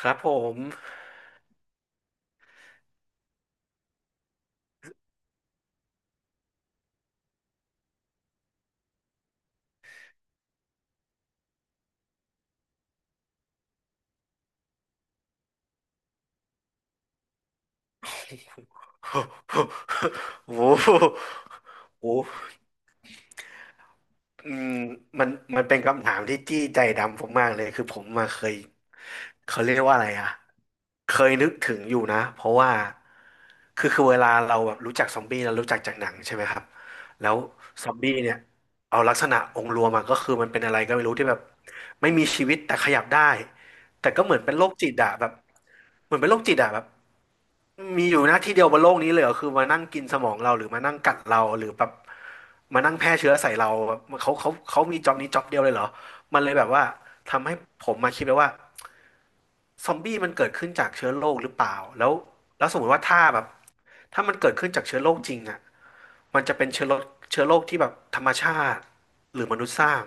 ครับผม โอ้โหโอ้โหอืมมันมันเป็นคำถามที่จี้ใจดำผมมากเลย คือผมมาเคยเขาเรียกว่าอะไรอ่ะเคยนึกถึงอยู่นะ เพราะว่าคือเวลาเราแบบรู้จักซอมบี้เรารู้จักจากหนังใช่ไหมครับ แล้วซอมบี้เนี่ยเอาลักษณะองค์รวมอะก็คือมันเป็นอะไรก็ไม่รู้ที่แบบไม่มีชีวิตแต่ขยับได้ แต่ก็เหมือนเป็นโรคจิตอะแบบเหมือนเป็นโรคจิตอะแบบมีอยู่หน้าที่เดียวบนโลกนี้เลยเหรอคือมานั่งกินสมองเราหรือมานั่งกัดเราหรือแบบมานั่งแพร่เชื้อใส่เราแบบเขามีจ็อบนี้จ็อบเดียวเลยเหรอมันเลยแบบว่าทำให้ผมมาคิดเลยว่า ซอมบี้มันเกิดขึ้นจากเชื้อโรคหรือเปล่าแล้วสมมติว่าถ้าแบบถ้ามันเกิดขึ้นจากเชื้อโรคจริงอ่ะมันจะเป็นเชื้อโรคที่แบบธรรมชาติหรือมนุษย์สร้าง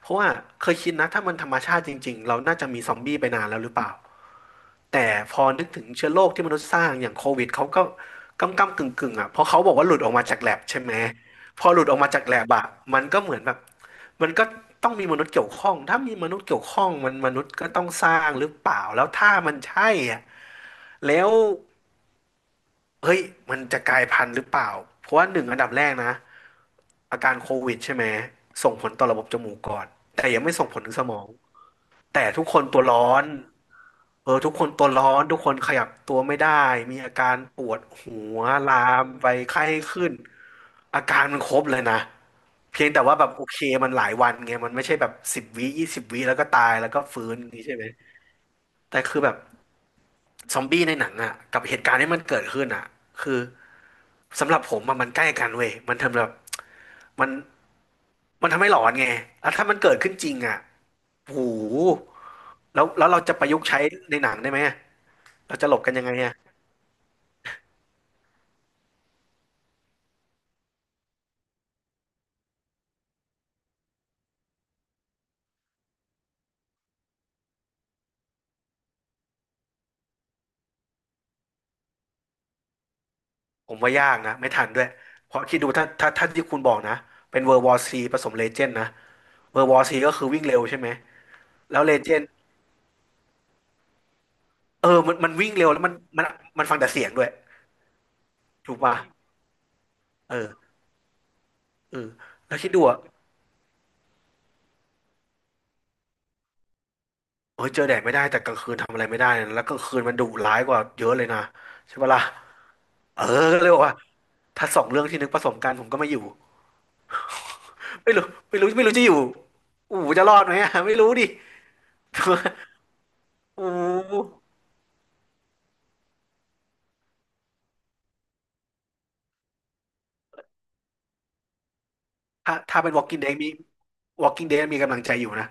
เพราะว่าเคยคิดนะถ้ามันธรรมชาติจริงๆเราน่าจะมีซอมบี้ไปนานแล้วหรือเปล่าแต่พอนึกถึงเชื้อโรคที่มนุษย์สร้างอย่างโควิดเขาก็กึ่งกึ่งๆอ่ะเพราะเขาบอกว่าหลุดออกมาจากแลบใช่ไหมพอหลุดออกมาจากแลบอะมันก็เหมือนแบบ มันก็ต้องมีมนุษย์เกี่ยวข้องถ้ามีมนุษย์เกี่ยวข้องมันมนุษย์ก็ต้องสร้างหรือเปล่าแล้วถ้ามันใช่อะแล้วเฮ้ยมันจะกลายพันธุ์หรือเปล่าเพราะว่าหนึ่งอันดับแรกนะอาการโควิดใช่ไหมส่งผลต่อระบบจมูกก่อนแต่ยังไม่ส่งผลถึงสมองแต่ทุกคนตัวร้อน เออทุกคนตัวร้อนทุกคนขยับตัวไม่ได้มีอาการปวดหัวลามไปไข้ขึ้นอาการมันครบเลยนะเพียงแต่ว่าแบบโอเคมันหลายวันไงมันไม่ใช่แบบสิบวิยี่สิบวิแล้วก็ตายแล้วก็ฟื้นอย่างนี้ใช่ไหมแต่คือแบบซอมบี้ในหนังอ่ะกับเหตุการณ์ที่มันเกิดขึ้นอ่ะคือสำหรับผมอะมันใกล้กันเว้ยมันทำแบบมันมันทำให้หลอนไงแล้วถ้ามันเกิดขึ้นจริงอ่ะโอ้โหแล้วเราจะประยุกต์ใช้ในหนังได้ไหมเราจะหลบกันยังไงอะ ผมว่ายากนะไม่ทันด้วยเพราะคิดดูถ้าที่คุณบอกนะเป็นเวอร์วอร์ซีผสมเลเจนด์นะเวอร์วอร์ซีก็คือวิ่งเร็วใช่ไหมแล้วเลเจนด์เออมันวิ่งเร็วแล้วมันมันฟังแต่เสียงด้วยถูกป่ะเออเออแล้วคิดดูอ่ะเออเจอแดดไม่ได้แต่กลางคืนทำอะไรไม่ได้นะแล้วกลางคืนมันดุร้ายกว่าเยอะเลยนะใช่ปะล่ะเออก็เลยบอกว่าถ้าสองเรื่องที่นึกผสมกันผมก็ไม่อยู่ไม่รู้ไม่รู้ไม่รู้จะอยู่อู๋จะรอดไหมอะไม่รู้ดิ อู๋ ถ้าเป็น Walking Dead มี Walking Dead มีกำลังใจอยู่นะ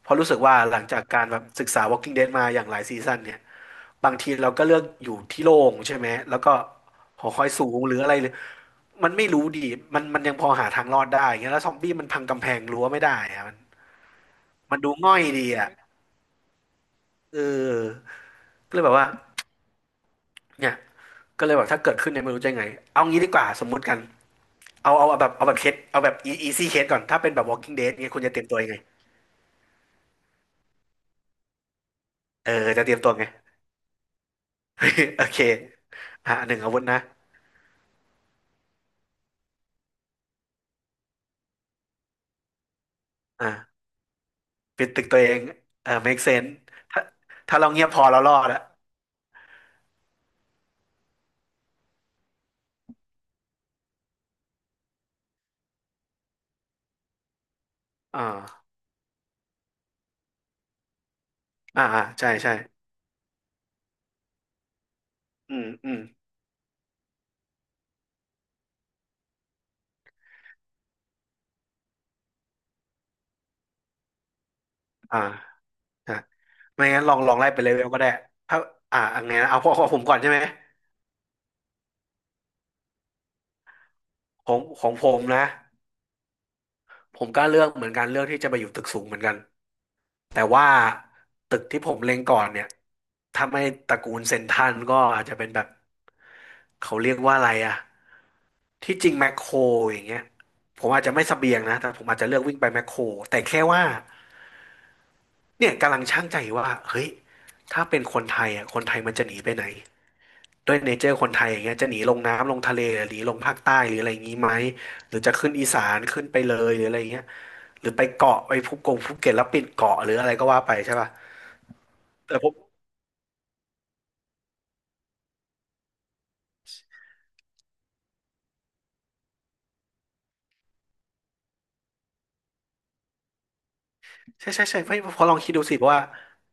เพราะรู้สึกว่าหลังจากการแบบศึกษา Walking Dead มาอย่างหลายซีซั่นเนี่ย บางทีเราก็เลือกอยู่ที่โล่งใช่ไหม แล้วก็หอคอยสูงหรืออะไรหรือมันไม่รู้ดีมันยังพอหาทางรอดได้เงี้ยแล้วซอมบี้มันพังกำแพงรั้วไม่ได้อะมันมันดูง่อยดีอ่ะ เออ ก็เลยแบบว่าเนี่ยก็เลยแบบถ้าเกิดขึ้นเนี่ยไม่รู้จะยังไง เอางี้ดีกว่าสมมุติกันเอาเอาแบบเอาแบบเคสเอาแบบ easy case ก่อนถ้าเป็นแบบ Walking Dead เนี้ยคุณจะเตรียมตัวยังไงเออจะเตรียมตัวไง โอเคอ่ะหนึ่งอาวุธนะอ่าปิดตึกตัวเองเออ make sense ถ้าถ้าเราเงียบพอเรารอดอะอ่าอ่าใช่ใช่อืมอืมอ่าอ่ะไม่งั้นลองลองไล่ไปเลเวลก็ได้ถ้าอ่าอันไงนะเอาพวของผมก่อนใช่ไหมของผมนะ ผมก็เลือกเหมือนกันเลือกที่จะไปอยู่ตึกสูงเหมือนกัน แต่ว่าตึกที่ผมเล็งก่อนเนี่ยถ้าไม่ตระกูลเซ็นทรัลก็อาจจะเป็นแบบเขาเรียกว่าอะไรอะที่จริงแมคโครอย่างเงี้ยผมอาจจะไม่เสบียงนะแต่ผมอาจจะเลือกวิ่งไปแมคโครแต่แค่ว่าเนี่ยกำลังชั่งใจว่าเฮ้ยถ้าเป็นคนไทยอะคนไทยมันจะหนีไปไหน ด้วยเนเจอร์คนไทยอย่างเงี้ยจะหนีลงน้ำลงทะเลหรือหนีลงภาคใต้หรืออะไรอย่างงี้ไหมหรือจะขึ้นอีสานขึ้นไปเลยหรืออะไรอย่างเงี้ยหรือไปเกาะไปภูกงภูเก็ตแล้วปิดเกาะหรืออะไรก็ว่าไปใช่ป่ะแต่ผมใช่ใช่ใช่ไม่พอลองคิดดูสิเพราะว่า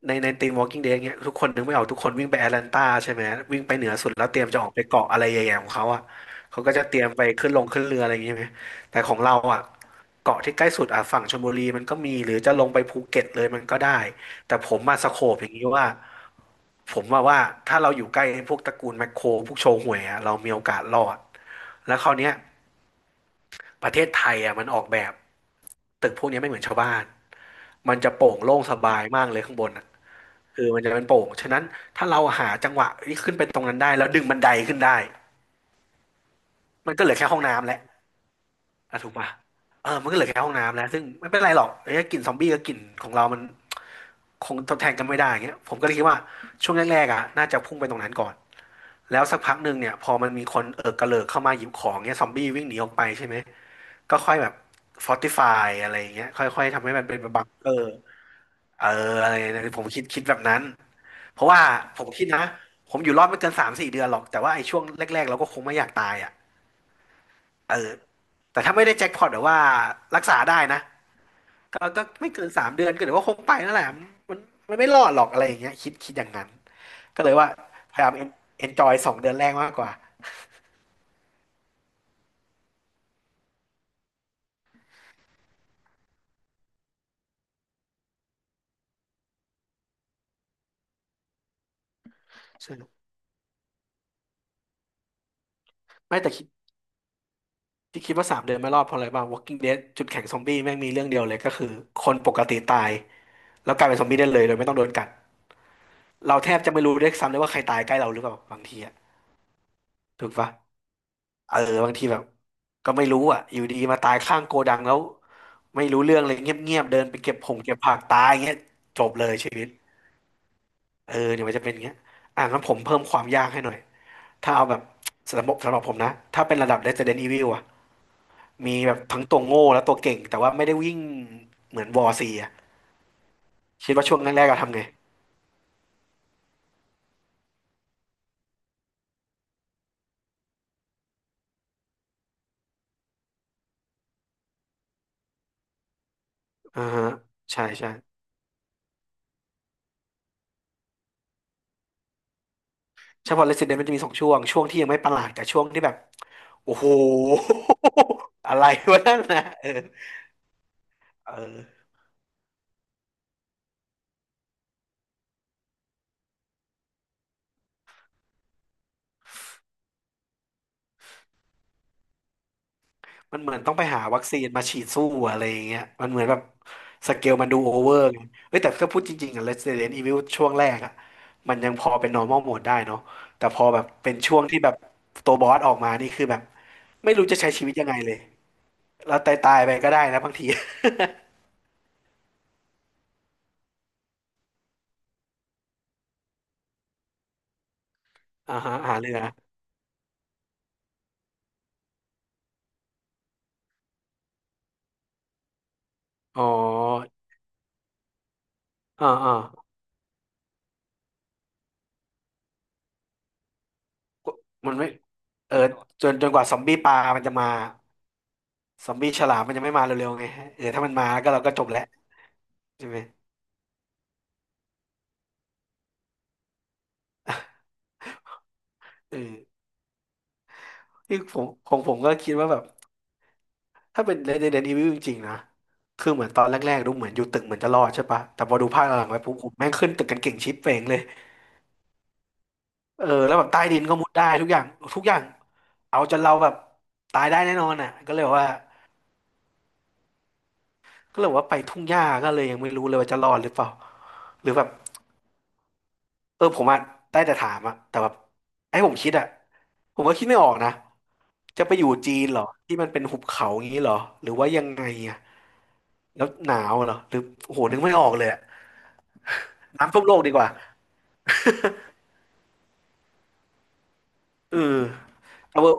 ในทีม Walking Dead เงี้ยทุกคนนึกไม่ออกทุกคนวิ่งไปแอตแลนตาใช่ไหมวิ่งไปเหนือสุดแล้วเตรียมจะออกไปเกาะอะไรใหญ่ๆของเขาอ่ะเขาก็จะเตรียมไปขึ้นลงขึ้นเรืออะไรอย่างเงี้ยไหมแต่ของเราอ่ะเกาะที่ใกล้สุดอ่ะฝั่งชลบุรีมันก็มีหรือจะลงไปภูเก็ตเลยมันก็ได้แต่ผมมาสโคปอย่างนี้ว่า ผมว่าถ้าเราอยู่ใกล้พวกตระกูลแมคโครพวกโชห่วยอะเรามีโอกาสรอดแล้วคราวเนี้ยประเทศไทยอะมันออกแบบตึกพวกเนี้ยไม่เหมือนชาวบ้านมันจะโปร่งโล่งสบายมากเลยข้างบนอะคือมันจะเป็นโปร่งฉะนั้นถ้าเราหาจังหวะที่ขึ้นไปตรงนั้นได้แล้วดึงบันไดขึ้นได้มันก็เหลือแค่ห้องน้ำแหละ อ่ะถูกป่ะเออมันก็เหลือแค่ห้องน้ำแล้วซึ่งไม่เป็นไรหรอกไอ้กลิ่นซอมบี้กับกลิ่นของเรามันคงทดแทนกันไม่ได้อย่างเงี้ยผมก็เลยคิดว่าช่วงแรกๆอ่ะน่าจะพุ่งไปตรงนั้นก่อนแล้วสักพักหนึ่งเนี่ยพอมันมีคนเอิกกระเลิกเข้ามาหยิบของเนี่ยซอมบี้วิ่งหนีออกไปใช่ไหมก็ค่อยแบบฟอร์ติฟายอะไรอย่างเงี้ยค่อยๆทำให้มันเป็นบังเกอร์เอออะไรเนี่ยผมคิดแบบนั้นเพราะว่าผมคิดนะผมอยู่รอดไม่เกินสามสี่เดือนหรอกแต่ว่าไอ้ช่วงแรกๆเราก็คงไม่อยากตายอ่ะ เออแต่ถ้าไม่ได้แจ็คพอตหรือว่ารักษาได้นะก็ไม่เกินสามเดือนก็เดี๋ยวว่าคงไปนั่นแหละมันมันไม่รอดหรอกอะไรอย่างเงี้ยคิดอย่างนั้นก็เลยว่าพยายามเอนจอยสองเดือนแรกมากกว่าสนุกไม่แต่คิดที่คิดว่าสามเดือนไม่รอดเพราะอะไรบ้าง Walking Dead จุดแข็งซอมบี้แม่งมีเรื่องเดียวเลยก็คือคนปกติตายแล้วกลายเป็นซอมบี้ได้เลยโดยไม่ต้องโดนกัดเราแทบจะไม่รู้ด้วยซ้ำเลยว่าใครตายใกล้เราหรือเปล่าบางทีอะถูกปะ เออบางทีแบบก็ไม่รู้อ่ะอยู่ดีมาตายข้างโกดังแล้วไม่รู้เรื่องเลยเงียบๆเดินไปเก็บผงเก็บผักตายเงี้ยจบเลยชีวิตเออเดี๋ยวมันจะเป็นอย่างเงี้ยอ่ะงั้นผมเพิ่มความยากให้หน่อยถ้าเอาแบบสำหรับผมนะถ้าเป็นระดับ Resident Evil อ่ะมีแบบทั้งตัวโง่และตัวเก่งแต่ว่าไม่ได้วิ่งเหมือนวอร์ซีอ่ะคิดว่าช่วงแรกๆเราทำไงอ่าฮะใช่ใช่ใช่พอ Resident มันจะมีสองช่วงช่วงที่ยังไม่ประหลาดกับช่วงที่แบบโอ้โห อะไรวะนั่นนะเออ มันเหมือนต้องไปหาวัคซีนมาฉีดสู้อะไรอย่างเงี้ยมันเหมือนแบบสเกลมันดูโอเวอร์ไงเฮ้ยแต่ถ้าพูดจริงๆอะ Resident Evil ช่วงแรกอะมันยังพอเป็น normal mode ได้เนาะแต่พอแบบเป็นช่วงที่แบบตัวบอสออกมา นี่คือแบบไม่รู้จะใช้ชีวิตยังไงเลยแล้วตายไปก็ได้นะบางที อ่าฮะหาเรืออ๋ออ่ามันไม่เออจนกว่าซอมบี้ปลามันจะมาซอมบี้ฉลามมันยังไม่มาเร็วๆไงเออถ้ามันมาก็เราก็จบแล้วใช่ไหมเออ ที่ผมของผมก็คิดว่าแบบถ้าเป็น Resident Evil จริงๆนะคือเหมือนตอนแรกๆดูเหมือนอยู่ตึกเหมือนจะรอดใช่ปะแต่พอดูภาคหลังๆไปปุ๊บผมแม่งขึ้นตึกกันเก่งชิปเป่งเลยเออแล้วแบบใต้ดินก็มุดได้ทุกอย่างทุกอย่างเอาจนเราแบบตายได้แน่นอนอ่ะก็เลยบอกว่าไปทุ่งหญ้าก็เลยยังไม่รู้เลยว่าจะรอดหรือเปล่าหรือแบบเออผมอ่ะได้แต่ถามอ่ะแต่แบบไอ้ผมคิดอ่ะผมก็คิดไม่ออกนะจะไปอยู่จีนเหรอที่มันเป็นหุบเขาอย่างนี้เหรอหรือว่ายังไงอ่ะ แล้วหนาวเหรอหรือโอ้โหนึกไม่ออกเลยอะน้ำท่วมโลกดีกว่าเออเอาเวอะ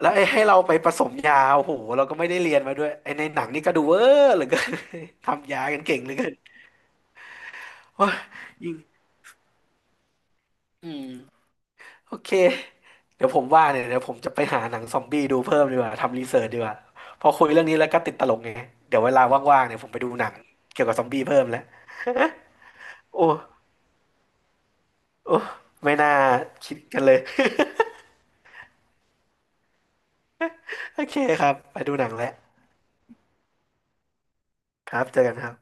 แล้วไอ้ให้เราไปผสมยาโอ้โหเราก็ไม่ได้เรียนมาด้วยไอ้ในหนังนี่ก็ดูเวอร์เหลือเกิน ทำยากันเก่งเหลือเกินโอ้ยยิงอืมโอเค เดี๋ยวผมว่าเนี่ยเดี๋ยวผมจะไปหาหนังซอมบี้ดูเพิ่มดีกว่าทำรีเสิร์ชดีกว่าพอคุยเรื่องนี้แล้วก็ติดตลกไงเดี๋ยวเวลาว่างๆเนี่ยผมไปดูหนังเกี่ยวกับซอมบี้เพิ่มแล้วโอ้โอ้ไม่น่าคิดกันเลย โอเคครับไปดูหนังแล้วครับเจอกันครับ